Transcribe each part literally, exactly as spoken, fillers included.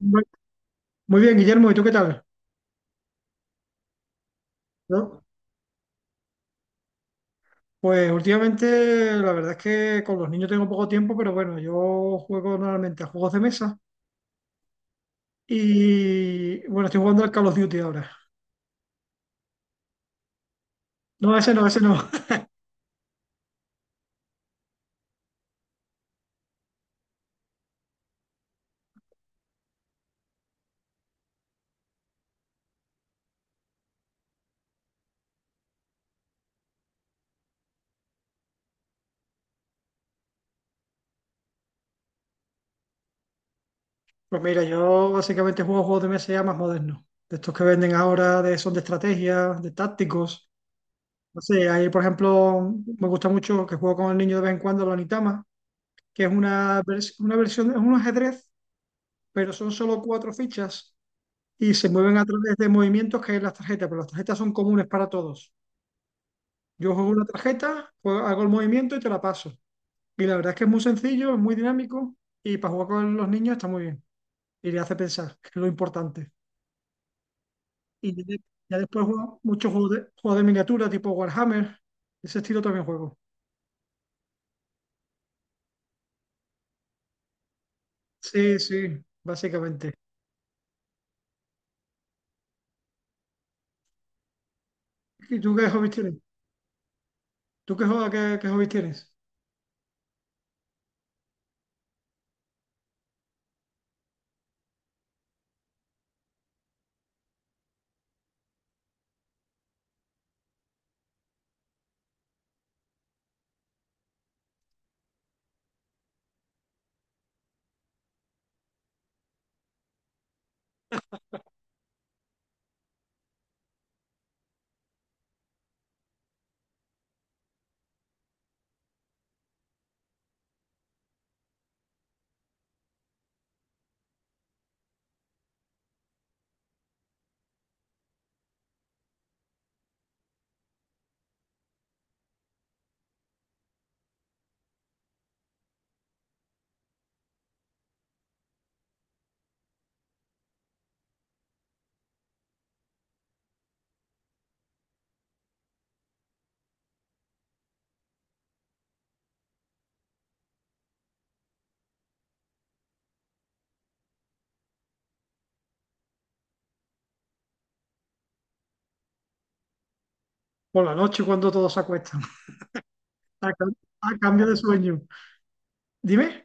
Muy muy bien, Guillermo, ¿y tú qué tal? ¿No? Pues últimamente la verdad es que con los niños tengo poco tiempo, pero bueno, yo juego normalmente a juegos de mesa y bueno, estoy jugando al Call of Duty ahora. No, ese no, ese no. Pues mira, yo básicamente juego juegos de mesa ya más modernos, de estos que venden ahora, de, son de estrategias, de tácticos. No sé, ahí por ejemplo me gusta mucho que juego con el niño de vez en cuando, la Onitama, que es una, vers- una versión, es un ajedrez, pero son solo cuatro fichas y se mueven a través de movimientos que es las tarjetas, pero las tarjetas son comunes para todos. Yo juego una tarjeta, juego- hago el movimiento y te la paso. Y la verdad es que es muy sencillo, es muy dinámico y para jugar con los niños está muy bien. Y le hace pensar, que es lo importante. Y ya, de- ya después juego muchos juegos de, juegos de miniatura tipo Warhammer, ese estilo también juego. Sí, sí, básicamente. ¿Y tú qué hobbies tienes? ¿Tú qué, juegas- qué, qué hobbies tienes? Por la noche cuando todos se acuestan, a, cam- a cambio de sueño. Dime.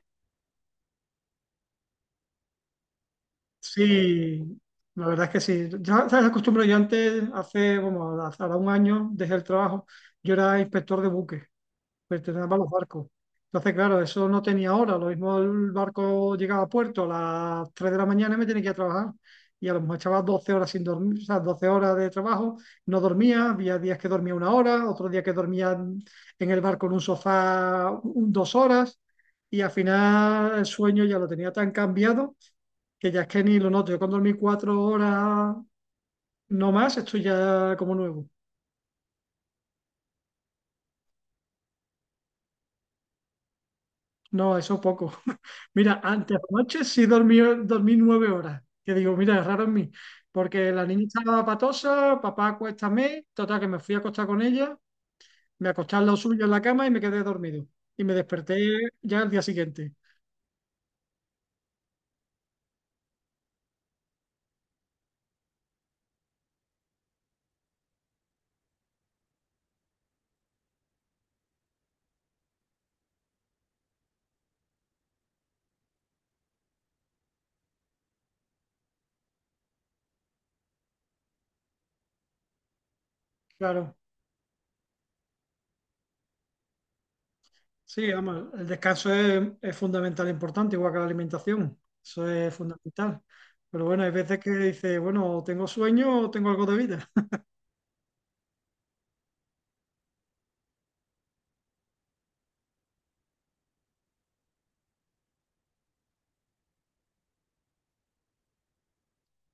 Sí, la verdad es que sí. Ya ¿sabes la costumbre? Yo antes, hace, bueno, hace ahora un año, dejé el trabajo. Yo era inspector de buques, pertenecía a los barcos. Entonces, claro, eso no tenía hora. Lo mismo el barco llegaba a puerto a las tres de la mañana y me tenía que ir a trabajar. Y a lo mejor echaba doce horas sin dormir, o sea, doce horas de trabajo, no dormía. Había días que dormía una hora, otros días que dormía en el barco en un sofá un- dos horas. Y al final el sueño ya lo tenía tan cambiado que ya es que ni lo noto. Yo con dormir cuatro horas no más, estoy ya como nuevo. No, eso poco. Mira, antes anoche sí dormí, dormí nueve horas. Que digo, mira, es raro en mí. Porque la niña estaba patosa, papá acuéstame, total que me fui a acostar con ella, me acosté al lado suyo en la cama y me quedé dormido. Y me desperté ya al día siguiente. Claro. Sí, vamos, el descanso es, es fundamental, e importante, igual que la alimentación. Eso es fundamental. Pero bueno, hay veces que dices, bueno, tengo sueño o tengo algo de vida.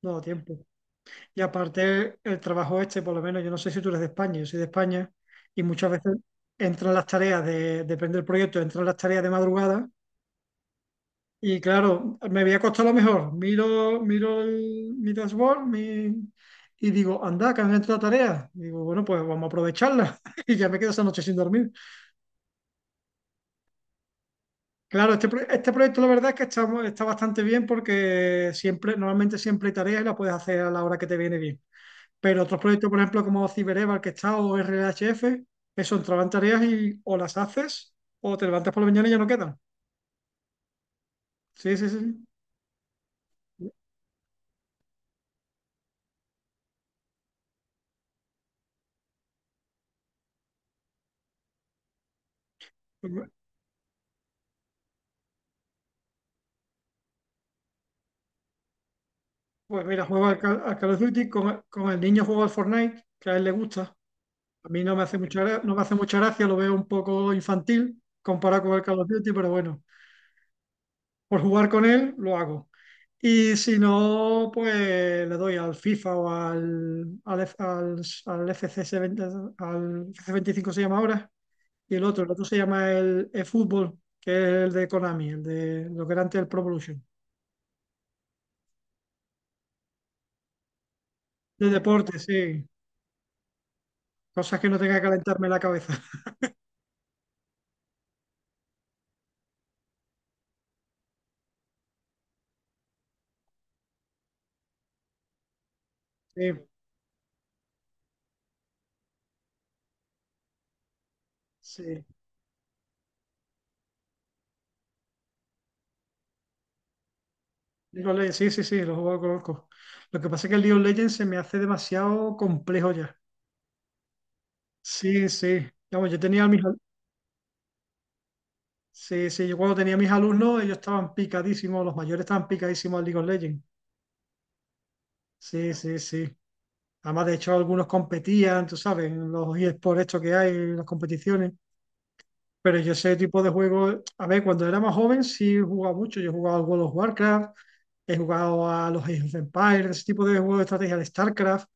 No, tiempo. Y aparte, el trabajo este, por lo menos, yo no sé si tú eres de España, yo soy de España, y muchas veces entran las tareas de, depende del proyecto, entran las tareas de madrugada. Y claro, me voy a acostar a lo mejor. Miro, miro el- mi dashboard, mi, y digo, anda, que han entrado tareas. Digo, bueno, pues vamos a aprovecharla. Y ya me quedo esa noche sin dormir. Claro, este, pro- este proyecto la verdad es que está, mu- está bastante bien porque siempre, normalmente siempre hay tareas y las puedes hacer a la hora que te viene bien. Pero otros proyectos, por ejemplo, como CyberEval que está o R H F, eso entraban tareas y o las haces o te levantas por la mañana y ya no quedan. Sí, sí, sí. Pues pues mira, juego al, Cal al Call of Duty, con, con el niño juego al Fortnite, que a él le gusta. A mí no me hace mucha, gra- no me hace mucha gracia, lo veo un poco infantil comparado con el Call of Duty, pero bueno. Por jugar con él, lo hago. Y si no, pues le doy al FIFA o al, al, F- al, al F C S veinte, al F C veinticinco se llama ahora, y el otro, el otro se llama el eFootball, que es el de Konami, el de lo que era antes el Pro Evolution. De deporte, sí. Cosas que no tenga que calentarme la cabeza. Sí, sí. League of Legends, sí, sí, sí, lo juego, lo conozco. Lo que pasa es que el League of Legends se me hace demasiado complejo ya. Sí, sí. Vamos, yo tenía mis, sí, sí, yo cuando tenía mis alumnos, ellos estaban picadísimos, los mayores estaban picadísimos al League of Legends. Sí, sí, sí. Además, de hecho, algunos competían, tú sabes, en los por esto que hay, en las competiciones. Pero yo ese tipo de juegos, a ver, cuando era más joven sí jugaba mucho. Yo he jugado al World of Warcraft, he jugado a los Age of Empires, ese tipo de juegos de estrategia, al StarCraft.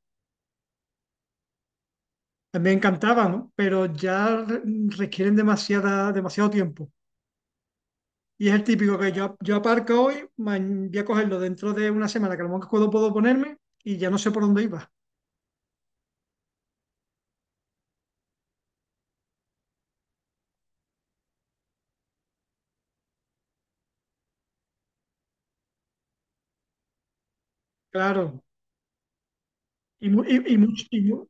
Me encantaban, ¿no? Pero ya re- requieren demasiada, demasiado tiempo. Y es el típico que yo, yo aparco hoy, ma- voy a cogerlo dentro de una semana, que a lo mejor puedo, puedo ponerme y ya no sé por dónde iba. Claro. Y, mu- y, y much- y mu-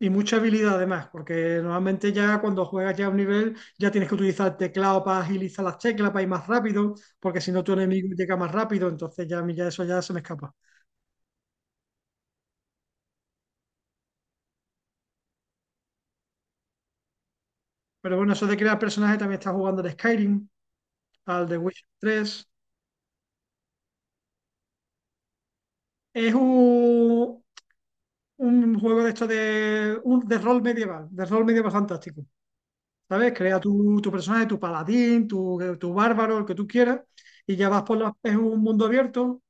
y mucha habilidad además, porque normalmente ya cuando juegas ya a un nivel, ya tienes que utilizar el teclado para agilizar las teclas, para ir más rápido, porque si no tu enemigo llega más rápido, entonces ya, a mí ya eso ya se me escapa. Pero bueno, eso de crear personajes también está jugando al Skyrim, al The Witcher tres. Es un, un juego de esto de, un, de rol medieval, de rol medieval, fantástico. ¿Sabes? Crea tu, tu personaje, tu paladín, tu, tu bárbaro, el que tú quieras, y ya vas por las, es un mundo abierto,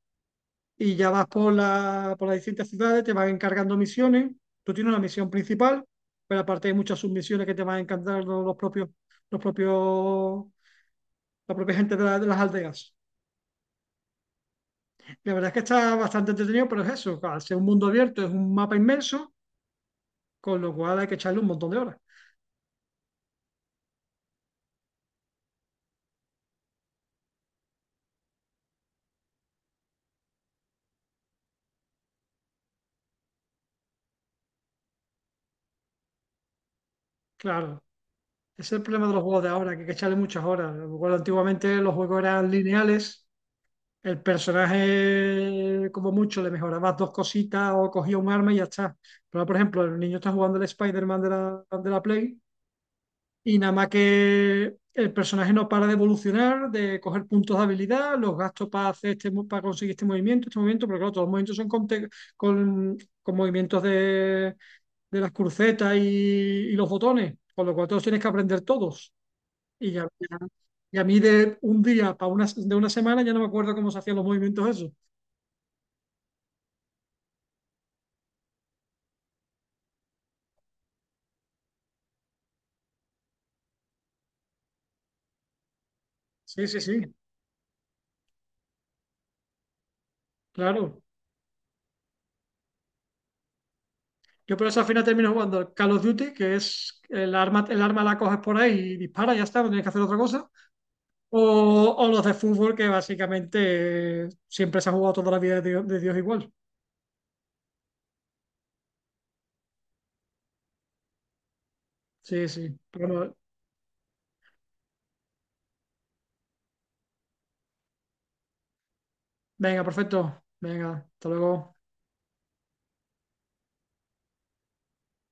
y ya vas por la, por las distintas ciudades, te van encargando misiones, tú tienes una misión principal, pero aparte hay muchas submisiones que te van encargando los propios, los propios, la propia gente de, la- de las aldeas. La verdad es que está bastante entretenido, pero es eso, al ser un mundo abierto, es un mapa inmenso, con lo cual hay que echarle un montón de horas. Claro. Ese es el problema de los juegos de ahora, que hay que echarle muchas horas. Recuerdo, antiguamente los juegos eran lineales, el personaje como mucho le mejorabas dos cositas o cogía un arma y ya está. Pero por ejemplo, el niño está jugando el Spider-Man de la, de la Play y nada más que el personaje no para de evolucionar, de coger puntos de habilidad, los gastos para hacer este, mo- para conseguir este movimiento, este movimiento, pero claro, todos los movimientos son con, te- con, con movimientos de, de las crucetas y, y los botones, con lo cual todos tienes que aprender todos. Y ya, ya- y a mí de un día para una, de una semana ya no me acuerdo cómo se hacían los movimientos esos. Sí, sí, sí, claro. Yo por eso al final termino jugando al Call of Duty, que es el arma, el arma la coges por ahí y dispara, ya está, no tienes que hacer otra cosa. O, o los de fútbol, que básicamente eh, siempre se ha jugado toda la vida de Dios, de Dios igual. Sí, sí. Pero bueno, venga, perfecto. Venga, hasta luego.